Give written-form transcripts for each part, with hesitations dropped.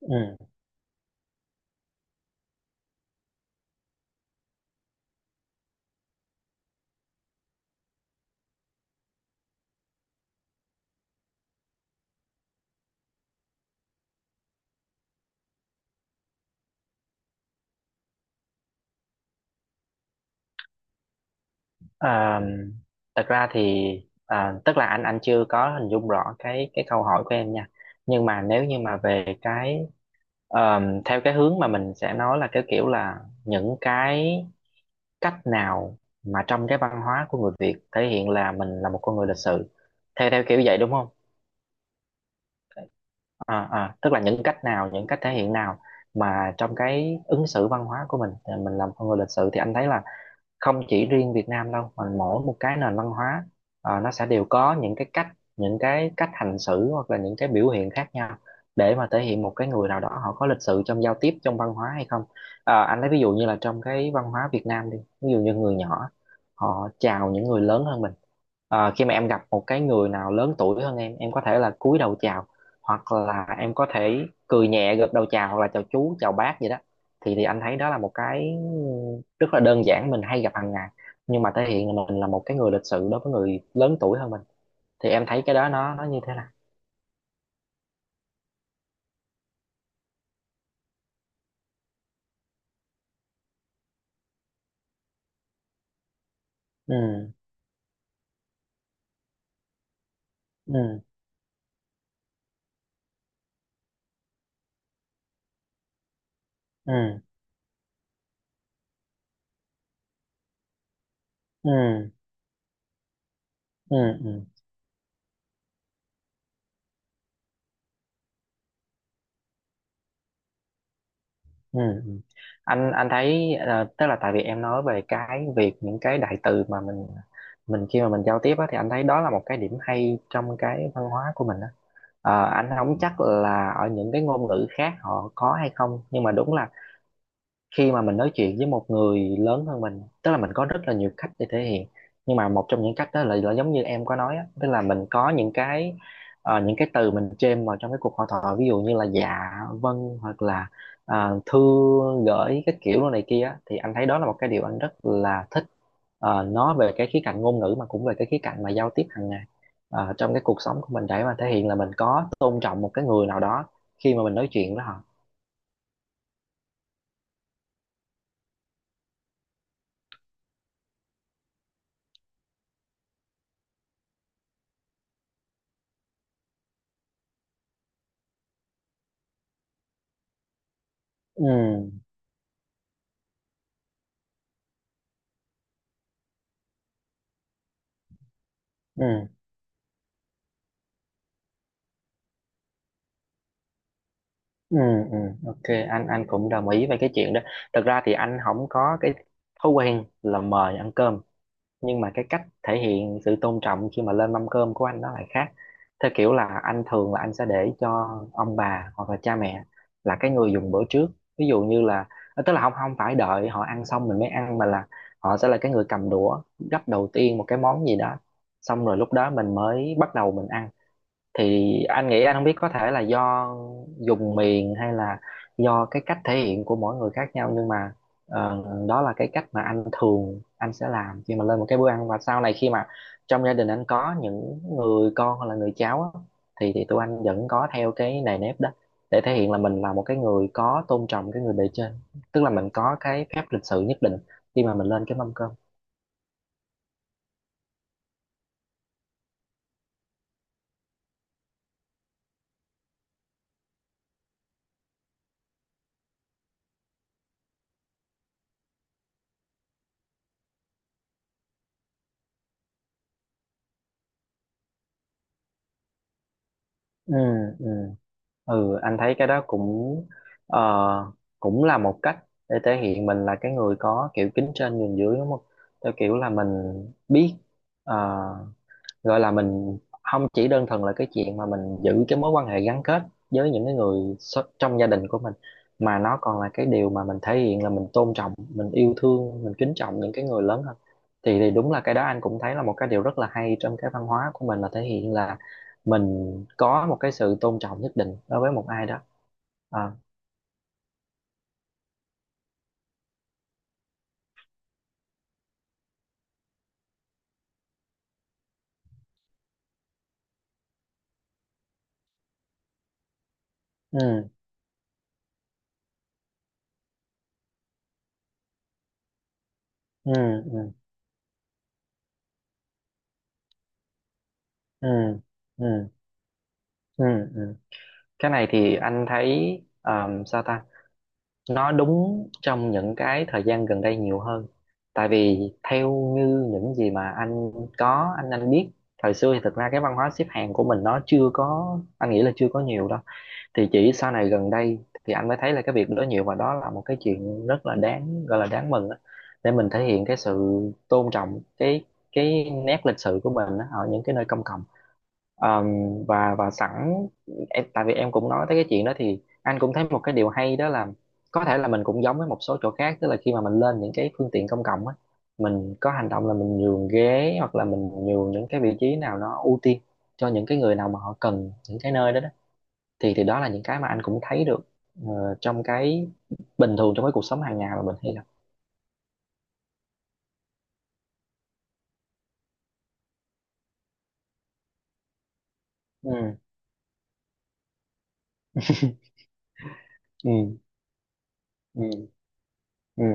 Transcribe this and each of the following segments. Ừ. À, Thật ra thì tức là anh chưa có hình dung rõ cái câu hỏi của em nha, nhưng mà nếu như mà về cái theo cái hướng mà mình sẽ nói là cái kiểu là những cái cách nào mà trong cái văn hóa của người Việt thể hiện là mình là một con người lịch sự, theo theo kiểu vậy đúng không? Tức là những cách nào, những cách thể hiện nào mà trong cái ứng xử văn hóa của mình thì mình làm con người lịch sự, thì anh thấy là không chỉ riêng Việt Nam đâu, mà mỗi một cái nền văn hóa nó sẽ đều có những cái cách, những cái cách hành xử hoặc là những cái biểu hiện khác nhau để mà thể hiện một cái người nào đó họ có lịch sự trong giao tiếp, trong văn hóa hay không. Ờ, anh lấy ví dụ như là trong cái văn hóa Việt Nam đi, ví dụ như người nhỏ họ chào những người lớn hơn mình. Ờ, khi mà em gặp một cái người nào lớn tuổi hơn em có thể là cúi đầu chào hoặc là em có thể cười nhẹ gật đầu chào, hoặc là chào chú chào bác gì đó, thì anh thấy đó là một cái rất là đơn giản mình hay gặp hàng ngày nhưng mà thể hiện là mình là một cái người lịch sự đối với người lớn tuổi hơn mình. Thì em thấy cái đó nó như thế nào? Ừ. Ừ. Ừ. Ừ. Ừ. Ừ. Ừ. Ừ. anh thấy ờ, tức là tại vì em nói về cái việc những cái đại từ mà mình khi mà mình giao tiếp á, thì anh thấy đó là một cái điểm hay trong cái văn hóa của mình á. Ờ, anh không chắc là ở những cái ngôn ngữ khác họ có hay không, nhưng mà đúng là khi mà mình nói chuyện với một người lớn hơn mình, tức là mình có rất là nhiều cách để thể hiện, nhưng mà một trong những cách đó là giống như em có nói á, tức là mình có những cái ờ, những cái từ mình chêm vào trong cái cuộc hội thoại, ví dụ như là dạ, vâng, hoặc là thư gửi cái kiểu đồ này kia á, thì anh thấy đó là một cái điều anh rất là thích. Ờ, nó về cái khía cạnh ngôn ngữ mà cũng về cái khía cạnh mà giao tiếp hàng ngày ờ, trong cái cuộc sống của mình, để mà thể hiện là mình có tôn trọng một cái người nào đó khi mà mình nói chuyện với họ. Ừ. Ừ. Ừ, ừ, ok. Anh cũng đồng ý về cái chuyện đó. Thật ra thì anh không có cái thói quen là mời ăn cơm, nhưng mà cái cách thể hiện sự tôn trọng khi mà lên mâm cơm của anh nó lại khác. Theo kiểu là anh thường là anh sẽ để cho ông bà hoặc là cha mẹ là cái người dùng bữa trước. Ví dụ như là ờ, tức là không không phải đợi họ ăn xong mình mới ăn, mà là họ sẽ là cái người cầm đũa gắp đầu tiên một cái món gì đó, xong rồi lúc đó mình mới bắt đầu mình ăn. Thì anh nghĩ, anh không biết có thể là do dùng miền hay là do cái cách thể hiện của mỗi người khác nhau, nhưng mà ờ, đó là cái cách mà anh thường anh sẽ làm khi mà lên một cái bữa ăn. Và sau này khi mà trong gia đình anh có những người con hoặc là người cháu á, thì tụi anh vẫn có theo cái nề nếp đó, để thể hiện là mình là một cái người có tôn trọng cái người bề trên, tức là mình có cái phép lịch sự nhất định khi mà mình lên cái mâm cơm. Ừ, ừ. Ừ, anh thấy cái đó cũng ờ, cũng là một cách để thể hiện mình là cái người có kiểu kính trên nhường dưới đúng không? Theo kiểu là mình biết, ờ, gọi là mình không chỉ đơn thuần là cái chuyện mà mình giữ cái mối quan hệ gắn kết với những cái người trong gia đình của mình, mà nó còn là cái điều mà mình thể hiện là mình tôn trọng, mình yêu thương, mình kính trọng những cái người lớn hơn. Thì đúng là cái đó anh cũng thấy là một cái điều rất là hay trong cái văn hóa của mình, là thể hiện là mình có một cái sự tôn trọng nhất định đối với một ai đó. Ờ. Ừ. Ừ. Ừ. Ừ. Ừ. Ừ. Ừ. Cái này thì anh thấy ờ, sao ta, nó đúng trong những cái thời gian gần đây nhiều hơn. Tại vì theo như những gì mà anh có, anh biết thời xưa thì thực ra cái văn hóa xếp hàng của mình nó chưa có, anh nghĩ là chưa có nhiều đâu. Thì chỉ sau này gần đây thì anh mới thấy là cái việc đó nhiều, và đó là một cái chuyện rất là đáng, gọi là đáng mừng á, để mình thể hiện cái sự tôn trọng cái nét lịch sử của mình á, ở những cái nơi công cộng. Ờm, và sẵn em, tại vì em cũng nói tới cái chuyện đó, thì anh cũng thấy một cái điều hay đó là có thể là mình cũng giống với một số chỗ khác, tức là khi mà mình lên những cái phương tiện công cộng á, mình có hành động là mình nhường ghế hoặc là mình nhường những cái vị trí nào nó ưu tiên cho những cái người nào mà họ cần những cái nơi đó đó. Thì đó là những cái mà anh cũng thấy được ờ, trong cái bình thường, trong cái cuộc sống hàng ngày mà mình hay gặp. Ừ. Ừ. Ừ. Ừ.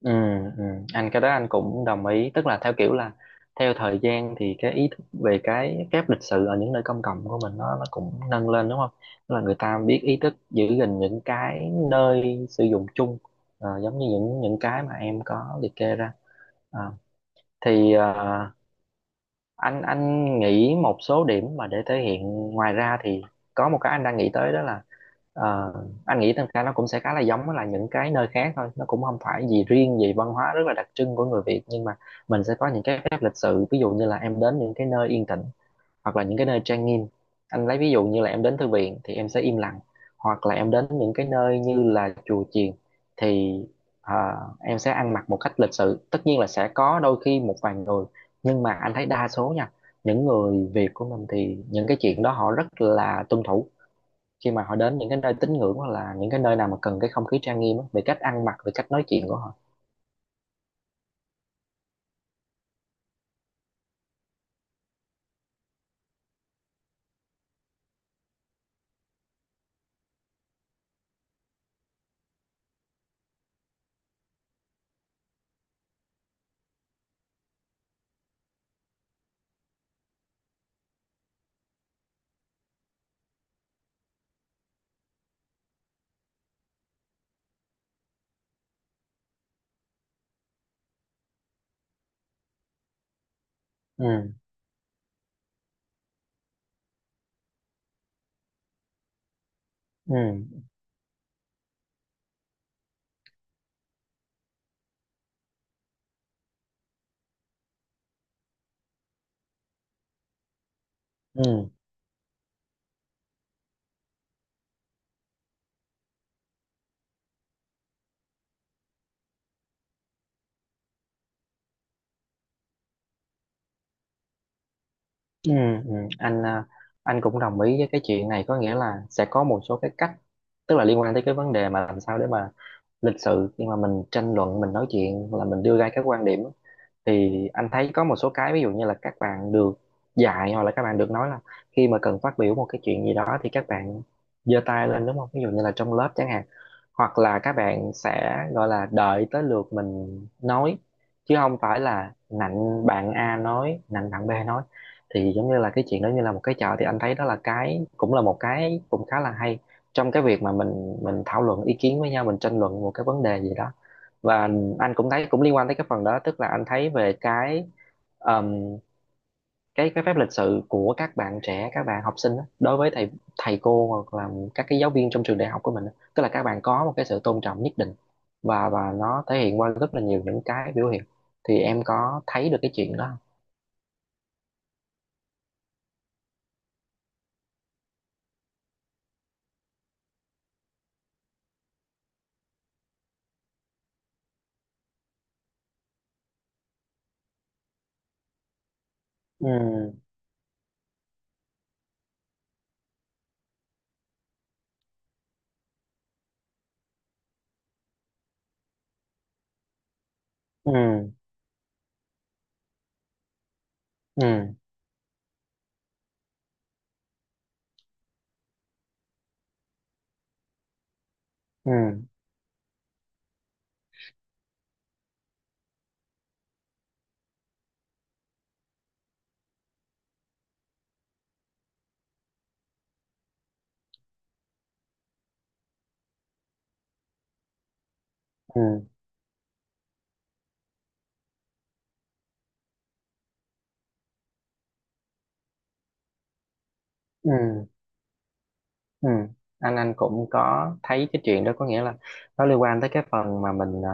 Ừ, ừ. Anh, cái đó anh cũng đồng ý, tức là theo kiểu là theo thời gian thì cái ý thức về cái phép lịch sự ở những nơi công cộng của mình nó cũng nâng lên đúng không? Tức là người ta biết ý thức giữ gìn những cái nơi sử dụng chung ờ, giống như những cái mà em có liệt kê ra. Ờ, thì ờ, anh nghĩ một số điểm mà để thể hiện ngoài ra thì có một cái anh đang nghĩ tới đó là ờ, anh nghĩ thật ra nó cũng sẽ khá là giống với là những cái nơi khác thôi, nó cũng không phải gì riêng gì văn hóa rất là đặc trưng của người Việt, nhưng mà mình sẽ có những cái phép lịch sự, ví dụ như là em đến những cái nơi yên tĩnh hoặc là những cái nơi trang nghiêm. Anh lấy ví dụ như là em đến thư viện thì em sẽ im lặng, hoặc là em đến những cái nơi như là chùa chiền thì em sẽ ăn mặc một cách lịch sự. Tất nhiên là sẽ có đôi khi một vài người, nhưng mà anh thấy đa số nha, những người Việt của mình thì những cái chuyện đó họ rất là tuân thủ khi mà họ đến những cái nơi tín ngưỡng hoặc là những cái nơi nào mà cần cái không khí trang nghiêm á, về cách ăn mặc, về cách nói chuyện của họ. Ừ. Ừ. Ừ. Ừ, ừ. Anh à, anh cũng đồng ý với cái chuyện này, có nghĩa là sẽ có một số cái cách, tức là liên quan tới cái vấn đề mà làm sao để mà lịch sự nhưng mà mình tranh luận, mình nói chuyện là mình đưa ra các quan điểm. Thì anh thấy có một số cái ví dụ như là các bạn được dạy hoặc là các bạn được nói là khi mà cần phát biểu một cái chuyện gì đó thì các bạn giơ tay lên, đúng không, ví dụ như là trong lớp chẳng hạn, hoặc là các bạn sẽ gọi là đợi tới lượt mình nói chứ không phải là nạnh bạn A nói, nạnh bạn B nói. Thì giống như là cái chuyện đó như là một cái trò, thì anh thấy đó là cái cũng là một cái cũng khá là hay trong cái việc mà mình thảo luận ý kiến với nhau, mình tranh luận một cái vấn đề gì đó. Và anh cũng thấy cũng liên quan tới cái phần đó, tức là anh thấy về ờm, cái phép lịch sự của các bạn trẻ, các bạn học sinh á, đối với thầy thầy cô hoặc là các cái giáo viên trong trường đại học của mình á. Tức là các bạn có một cái sự tôn trọng nhất định, và nó thể hiện qua rất là nhiều những cái biểu hiện. Thì em có thấy được cái chuyện đó không? Ừ, ừ, ừ, ừ, ừ, ừ. Ừ. Anh cũng có thấy cái chuyện đó, có nghĩa là nó liên quan tới cái phần mà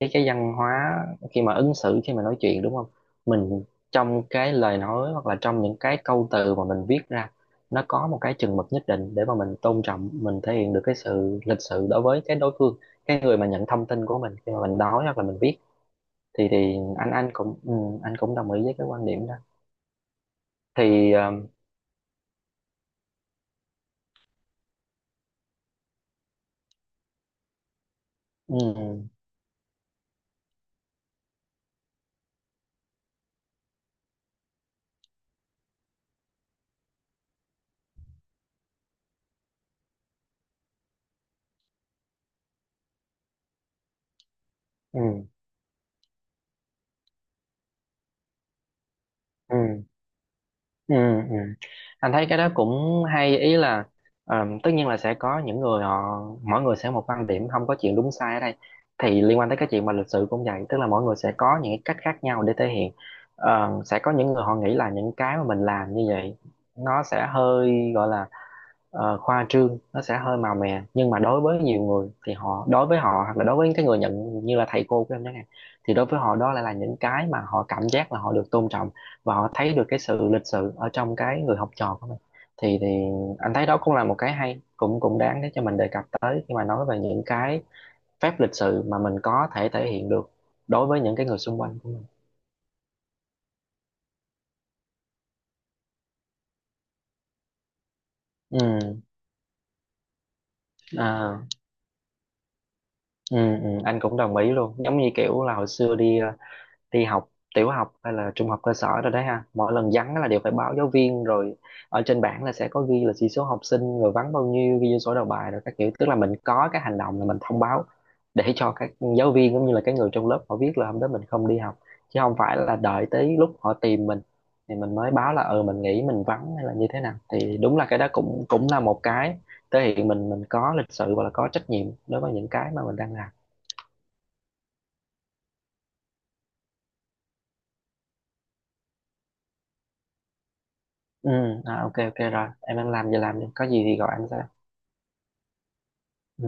cái văn hóa khi mà ứng xử, khi mà nói chuyện, đúng không? Mình trong cái lời nói hoặc là trong những cái câu từ mà mình viết ra, nó có một cái chừng mực nhất định để mà mình tôn trọng, mình thể hiện được cái sự lịch sự đối với cái đối phương, cái người mà nhận thông tin của mình khi mà mình nói hoặc là mình viết. Thì anh cũng ừ, anh cũng đồng ý với cái quan điểm đó. thì ờ, ừ, ừ, ừ. Ừ, ừ. Anh thấy cái đó cũng hay, ý là ờ, tất nhiên là sẽ có những người họ, mỗi người sẽ một quan điểm, không có chuyện đúng sai ở đây. Thì liên quan tới cái chuyện mà lịch sự cũng vậy, tức là mỗi người sẽ có những cái cách khác nhau để thể hiện. Ờ, sẽ có những người họ nghĩ là những cái mà mình làm như vậy nó sẽ hơi gọi là ờ, khoa trương, nó sẽ hơi màu mè, nhưng mà đối với nhiều người thì họ, đối với họ hoặc là đối với cái người nhận như là thầy cô của em chẳng hạn, thì đối với họ đó lại là những cái mà họ cảm giác là họ được tôn trọng, và họ thấy được cái sự lịch sự ở trong cái người học trò của mình. Thì anh thấy đó cũng là một cái hay, cũng cũng đáng để cho mình đề cập tới khi mà nói về những cái phép lịch sự mà mình có thể thể hiện được đối với những cái người xung quanh của mình. Ừ, à, ừ, ừ, anh cũng đồng ý luôn. Giống như kiểu là hồi xưa đi đi học tiểu học hay là trung học cơ sở rồi đấy ha, mỗi lần vắng là đều phải báo giáo viên rồi. Ở trên bảng là sẽ có ghi là chỉ số học sinh rồi vắng bao nhiêu, ghi vô sổ đầu bài rồi các kiểu, tức là mình có cái hành động là mình thông báo để cho các giáo viên cũng như là cái người trong lớp họ biết là hôm đó mình không đi học, chứ không phải là đợi tới lúc họ tìm mình thì mình mới báo là ừ mình nghĩ mình vắng hay là như thế nào. Thì đúng là cái đó cũng cũng là một cái thể hiện mình có lịch sự và là có trách nhiệm đối với những cái mà mình đang làm. Ừ, à, ok, ok rồi, em đang làm giờ làm đi, có gì thì gọi anh sẽ Ừ.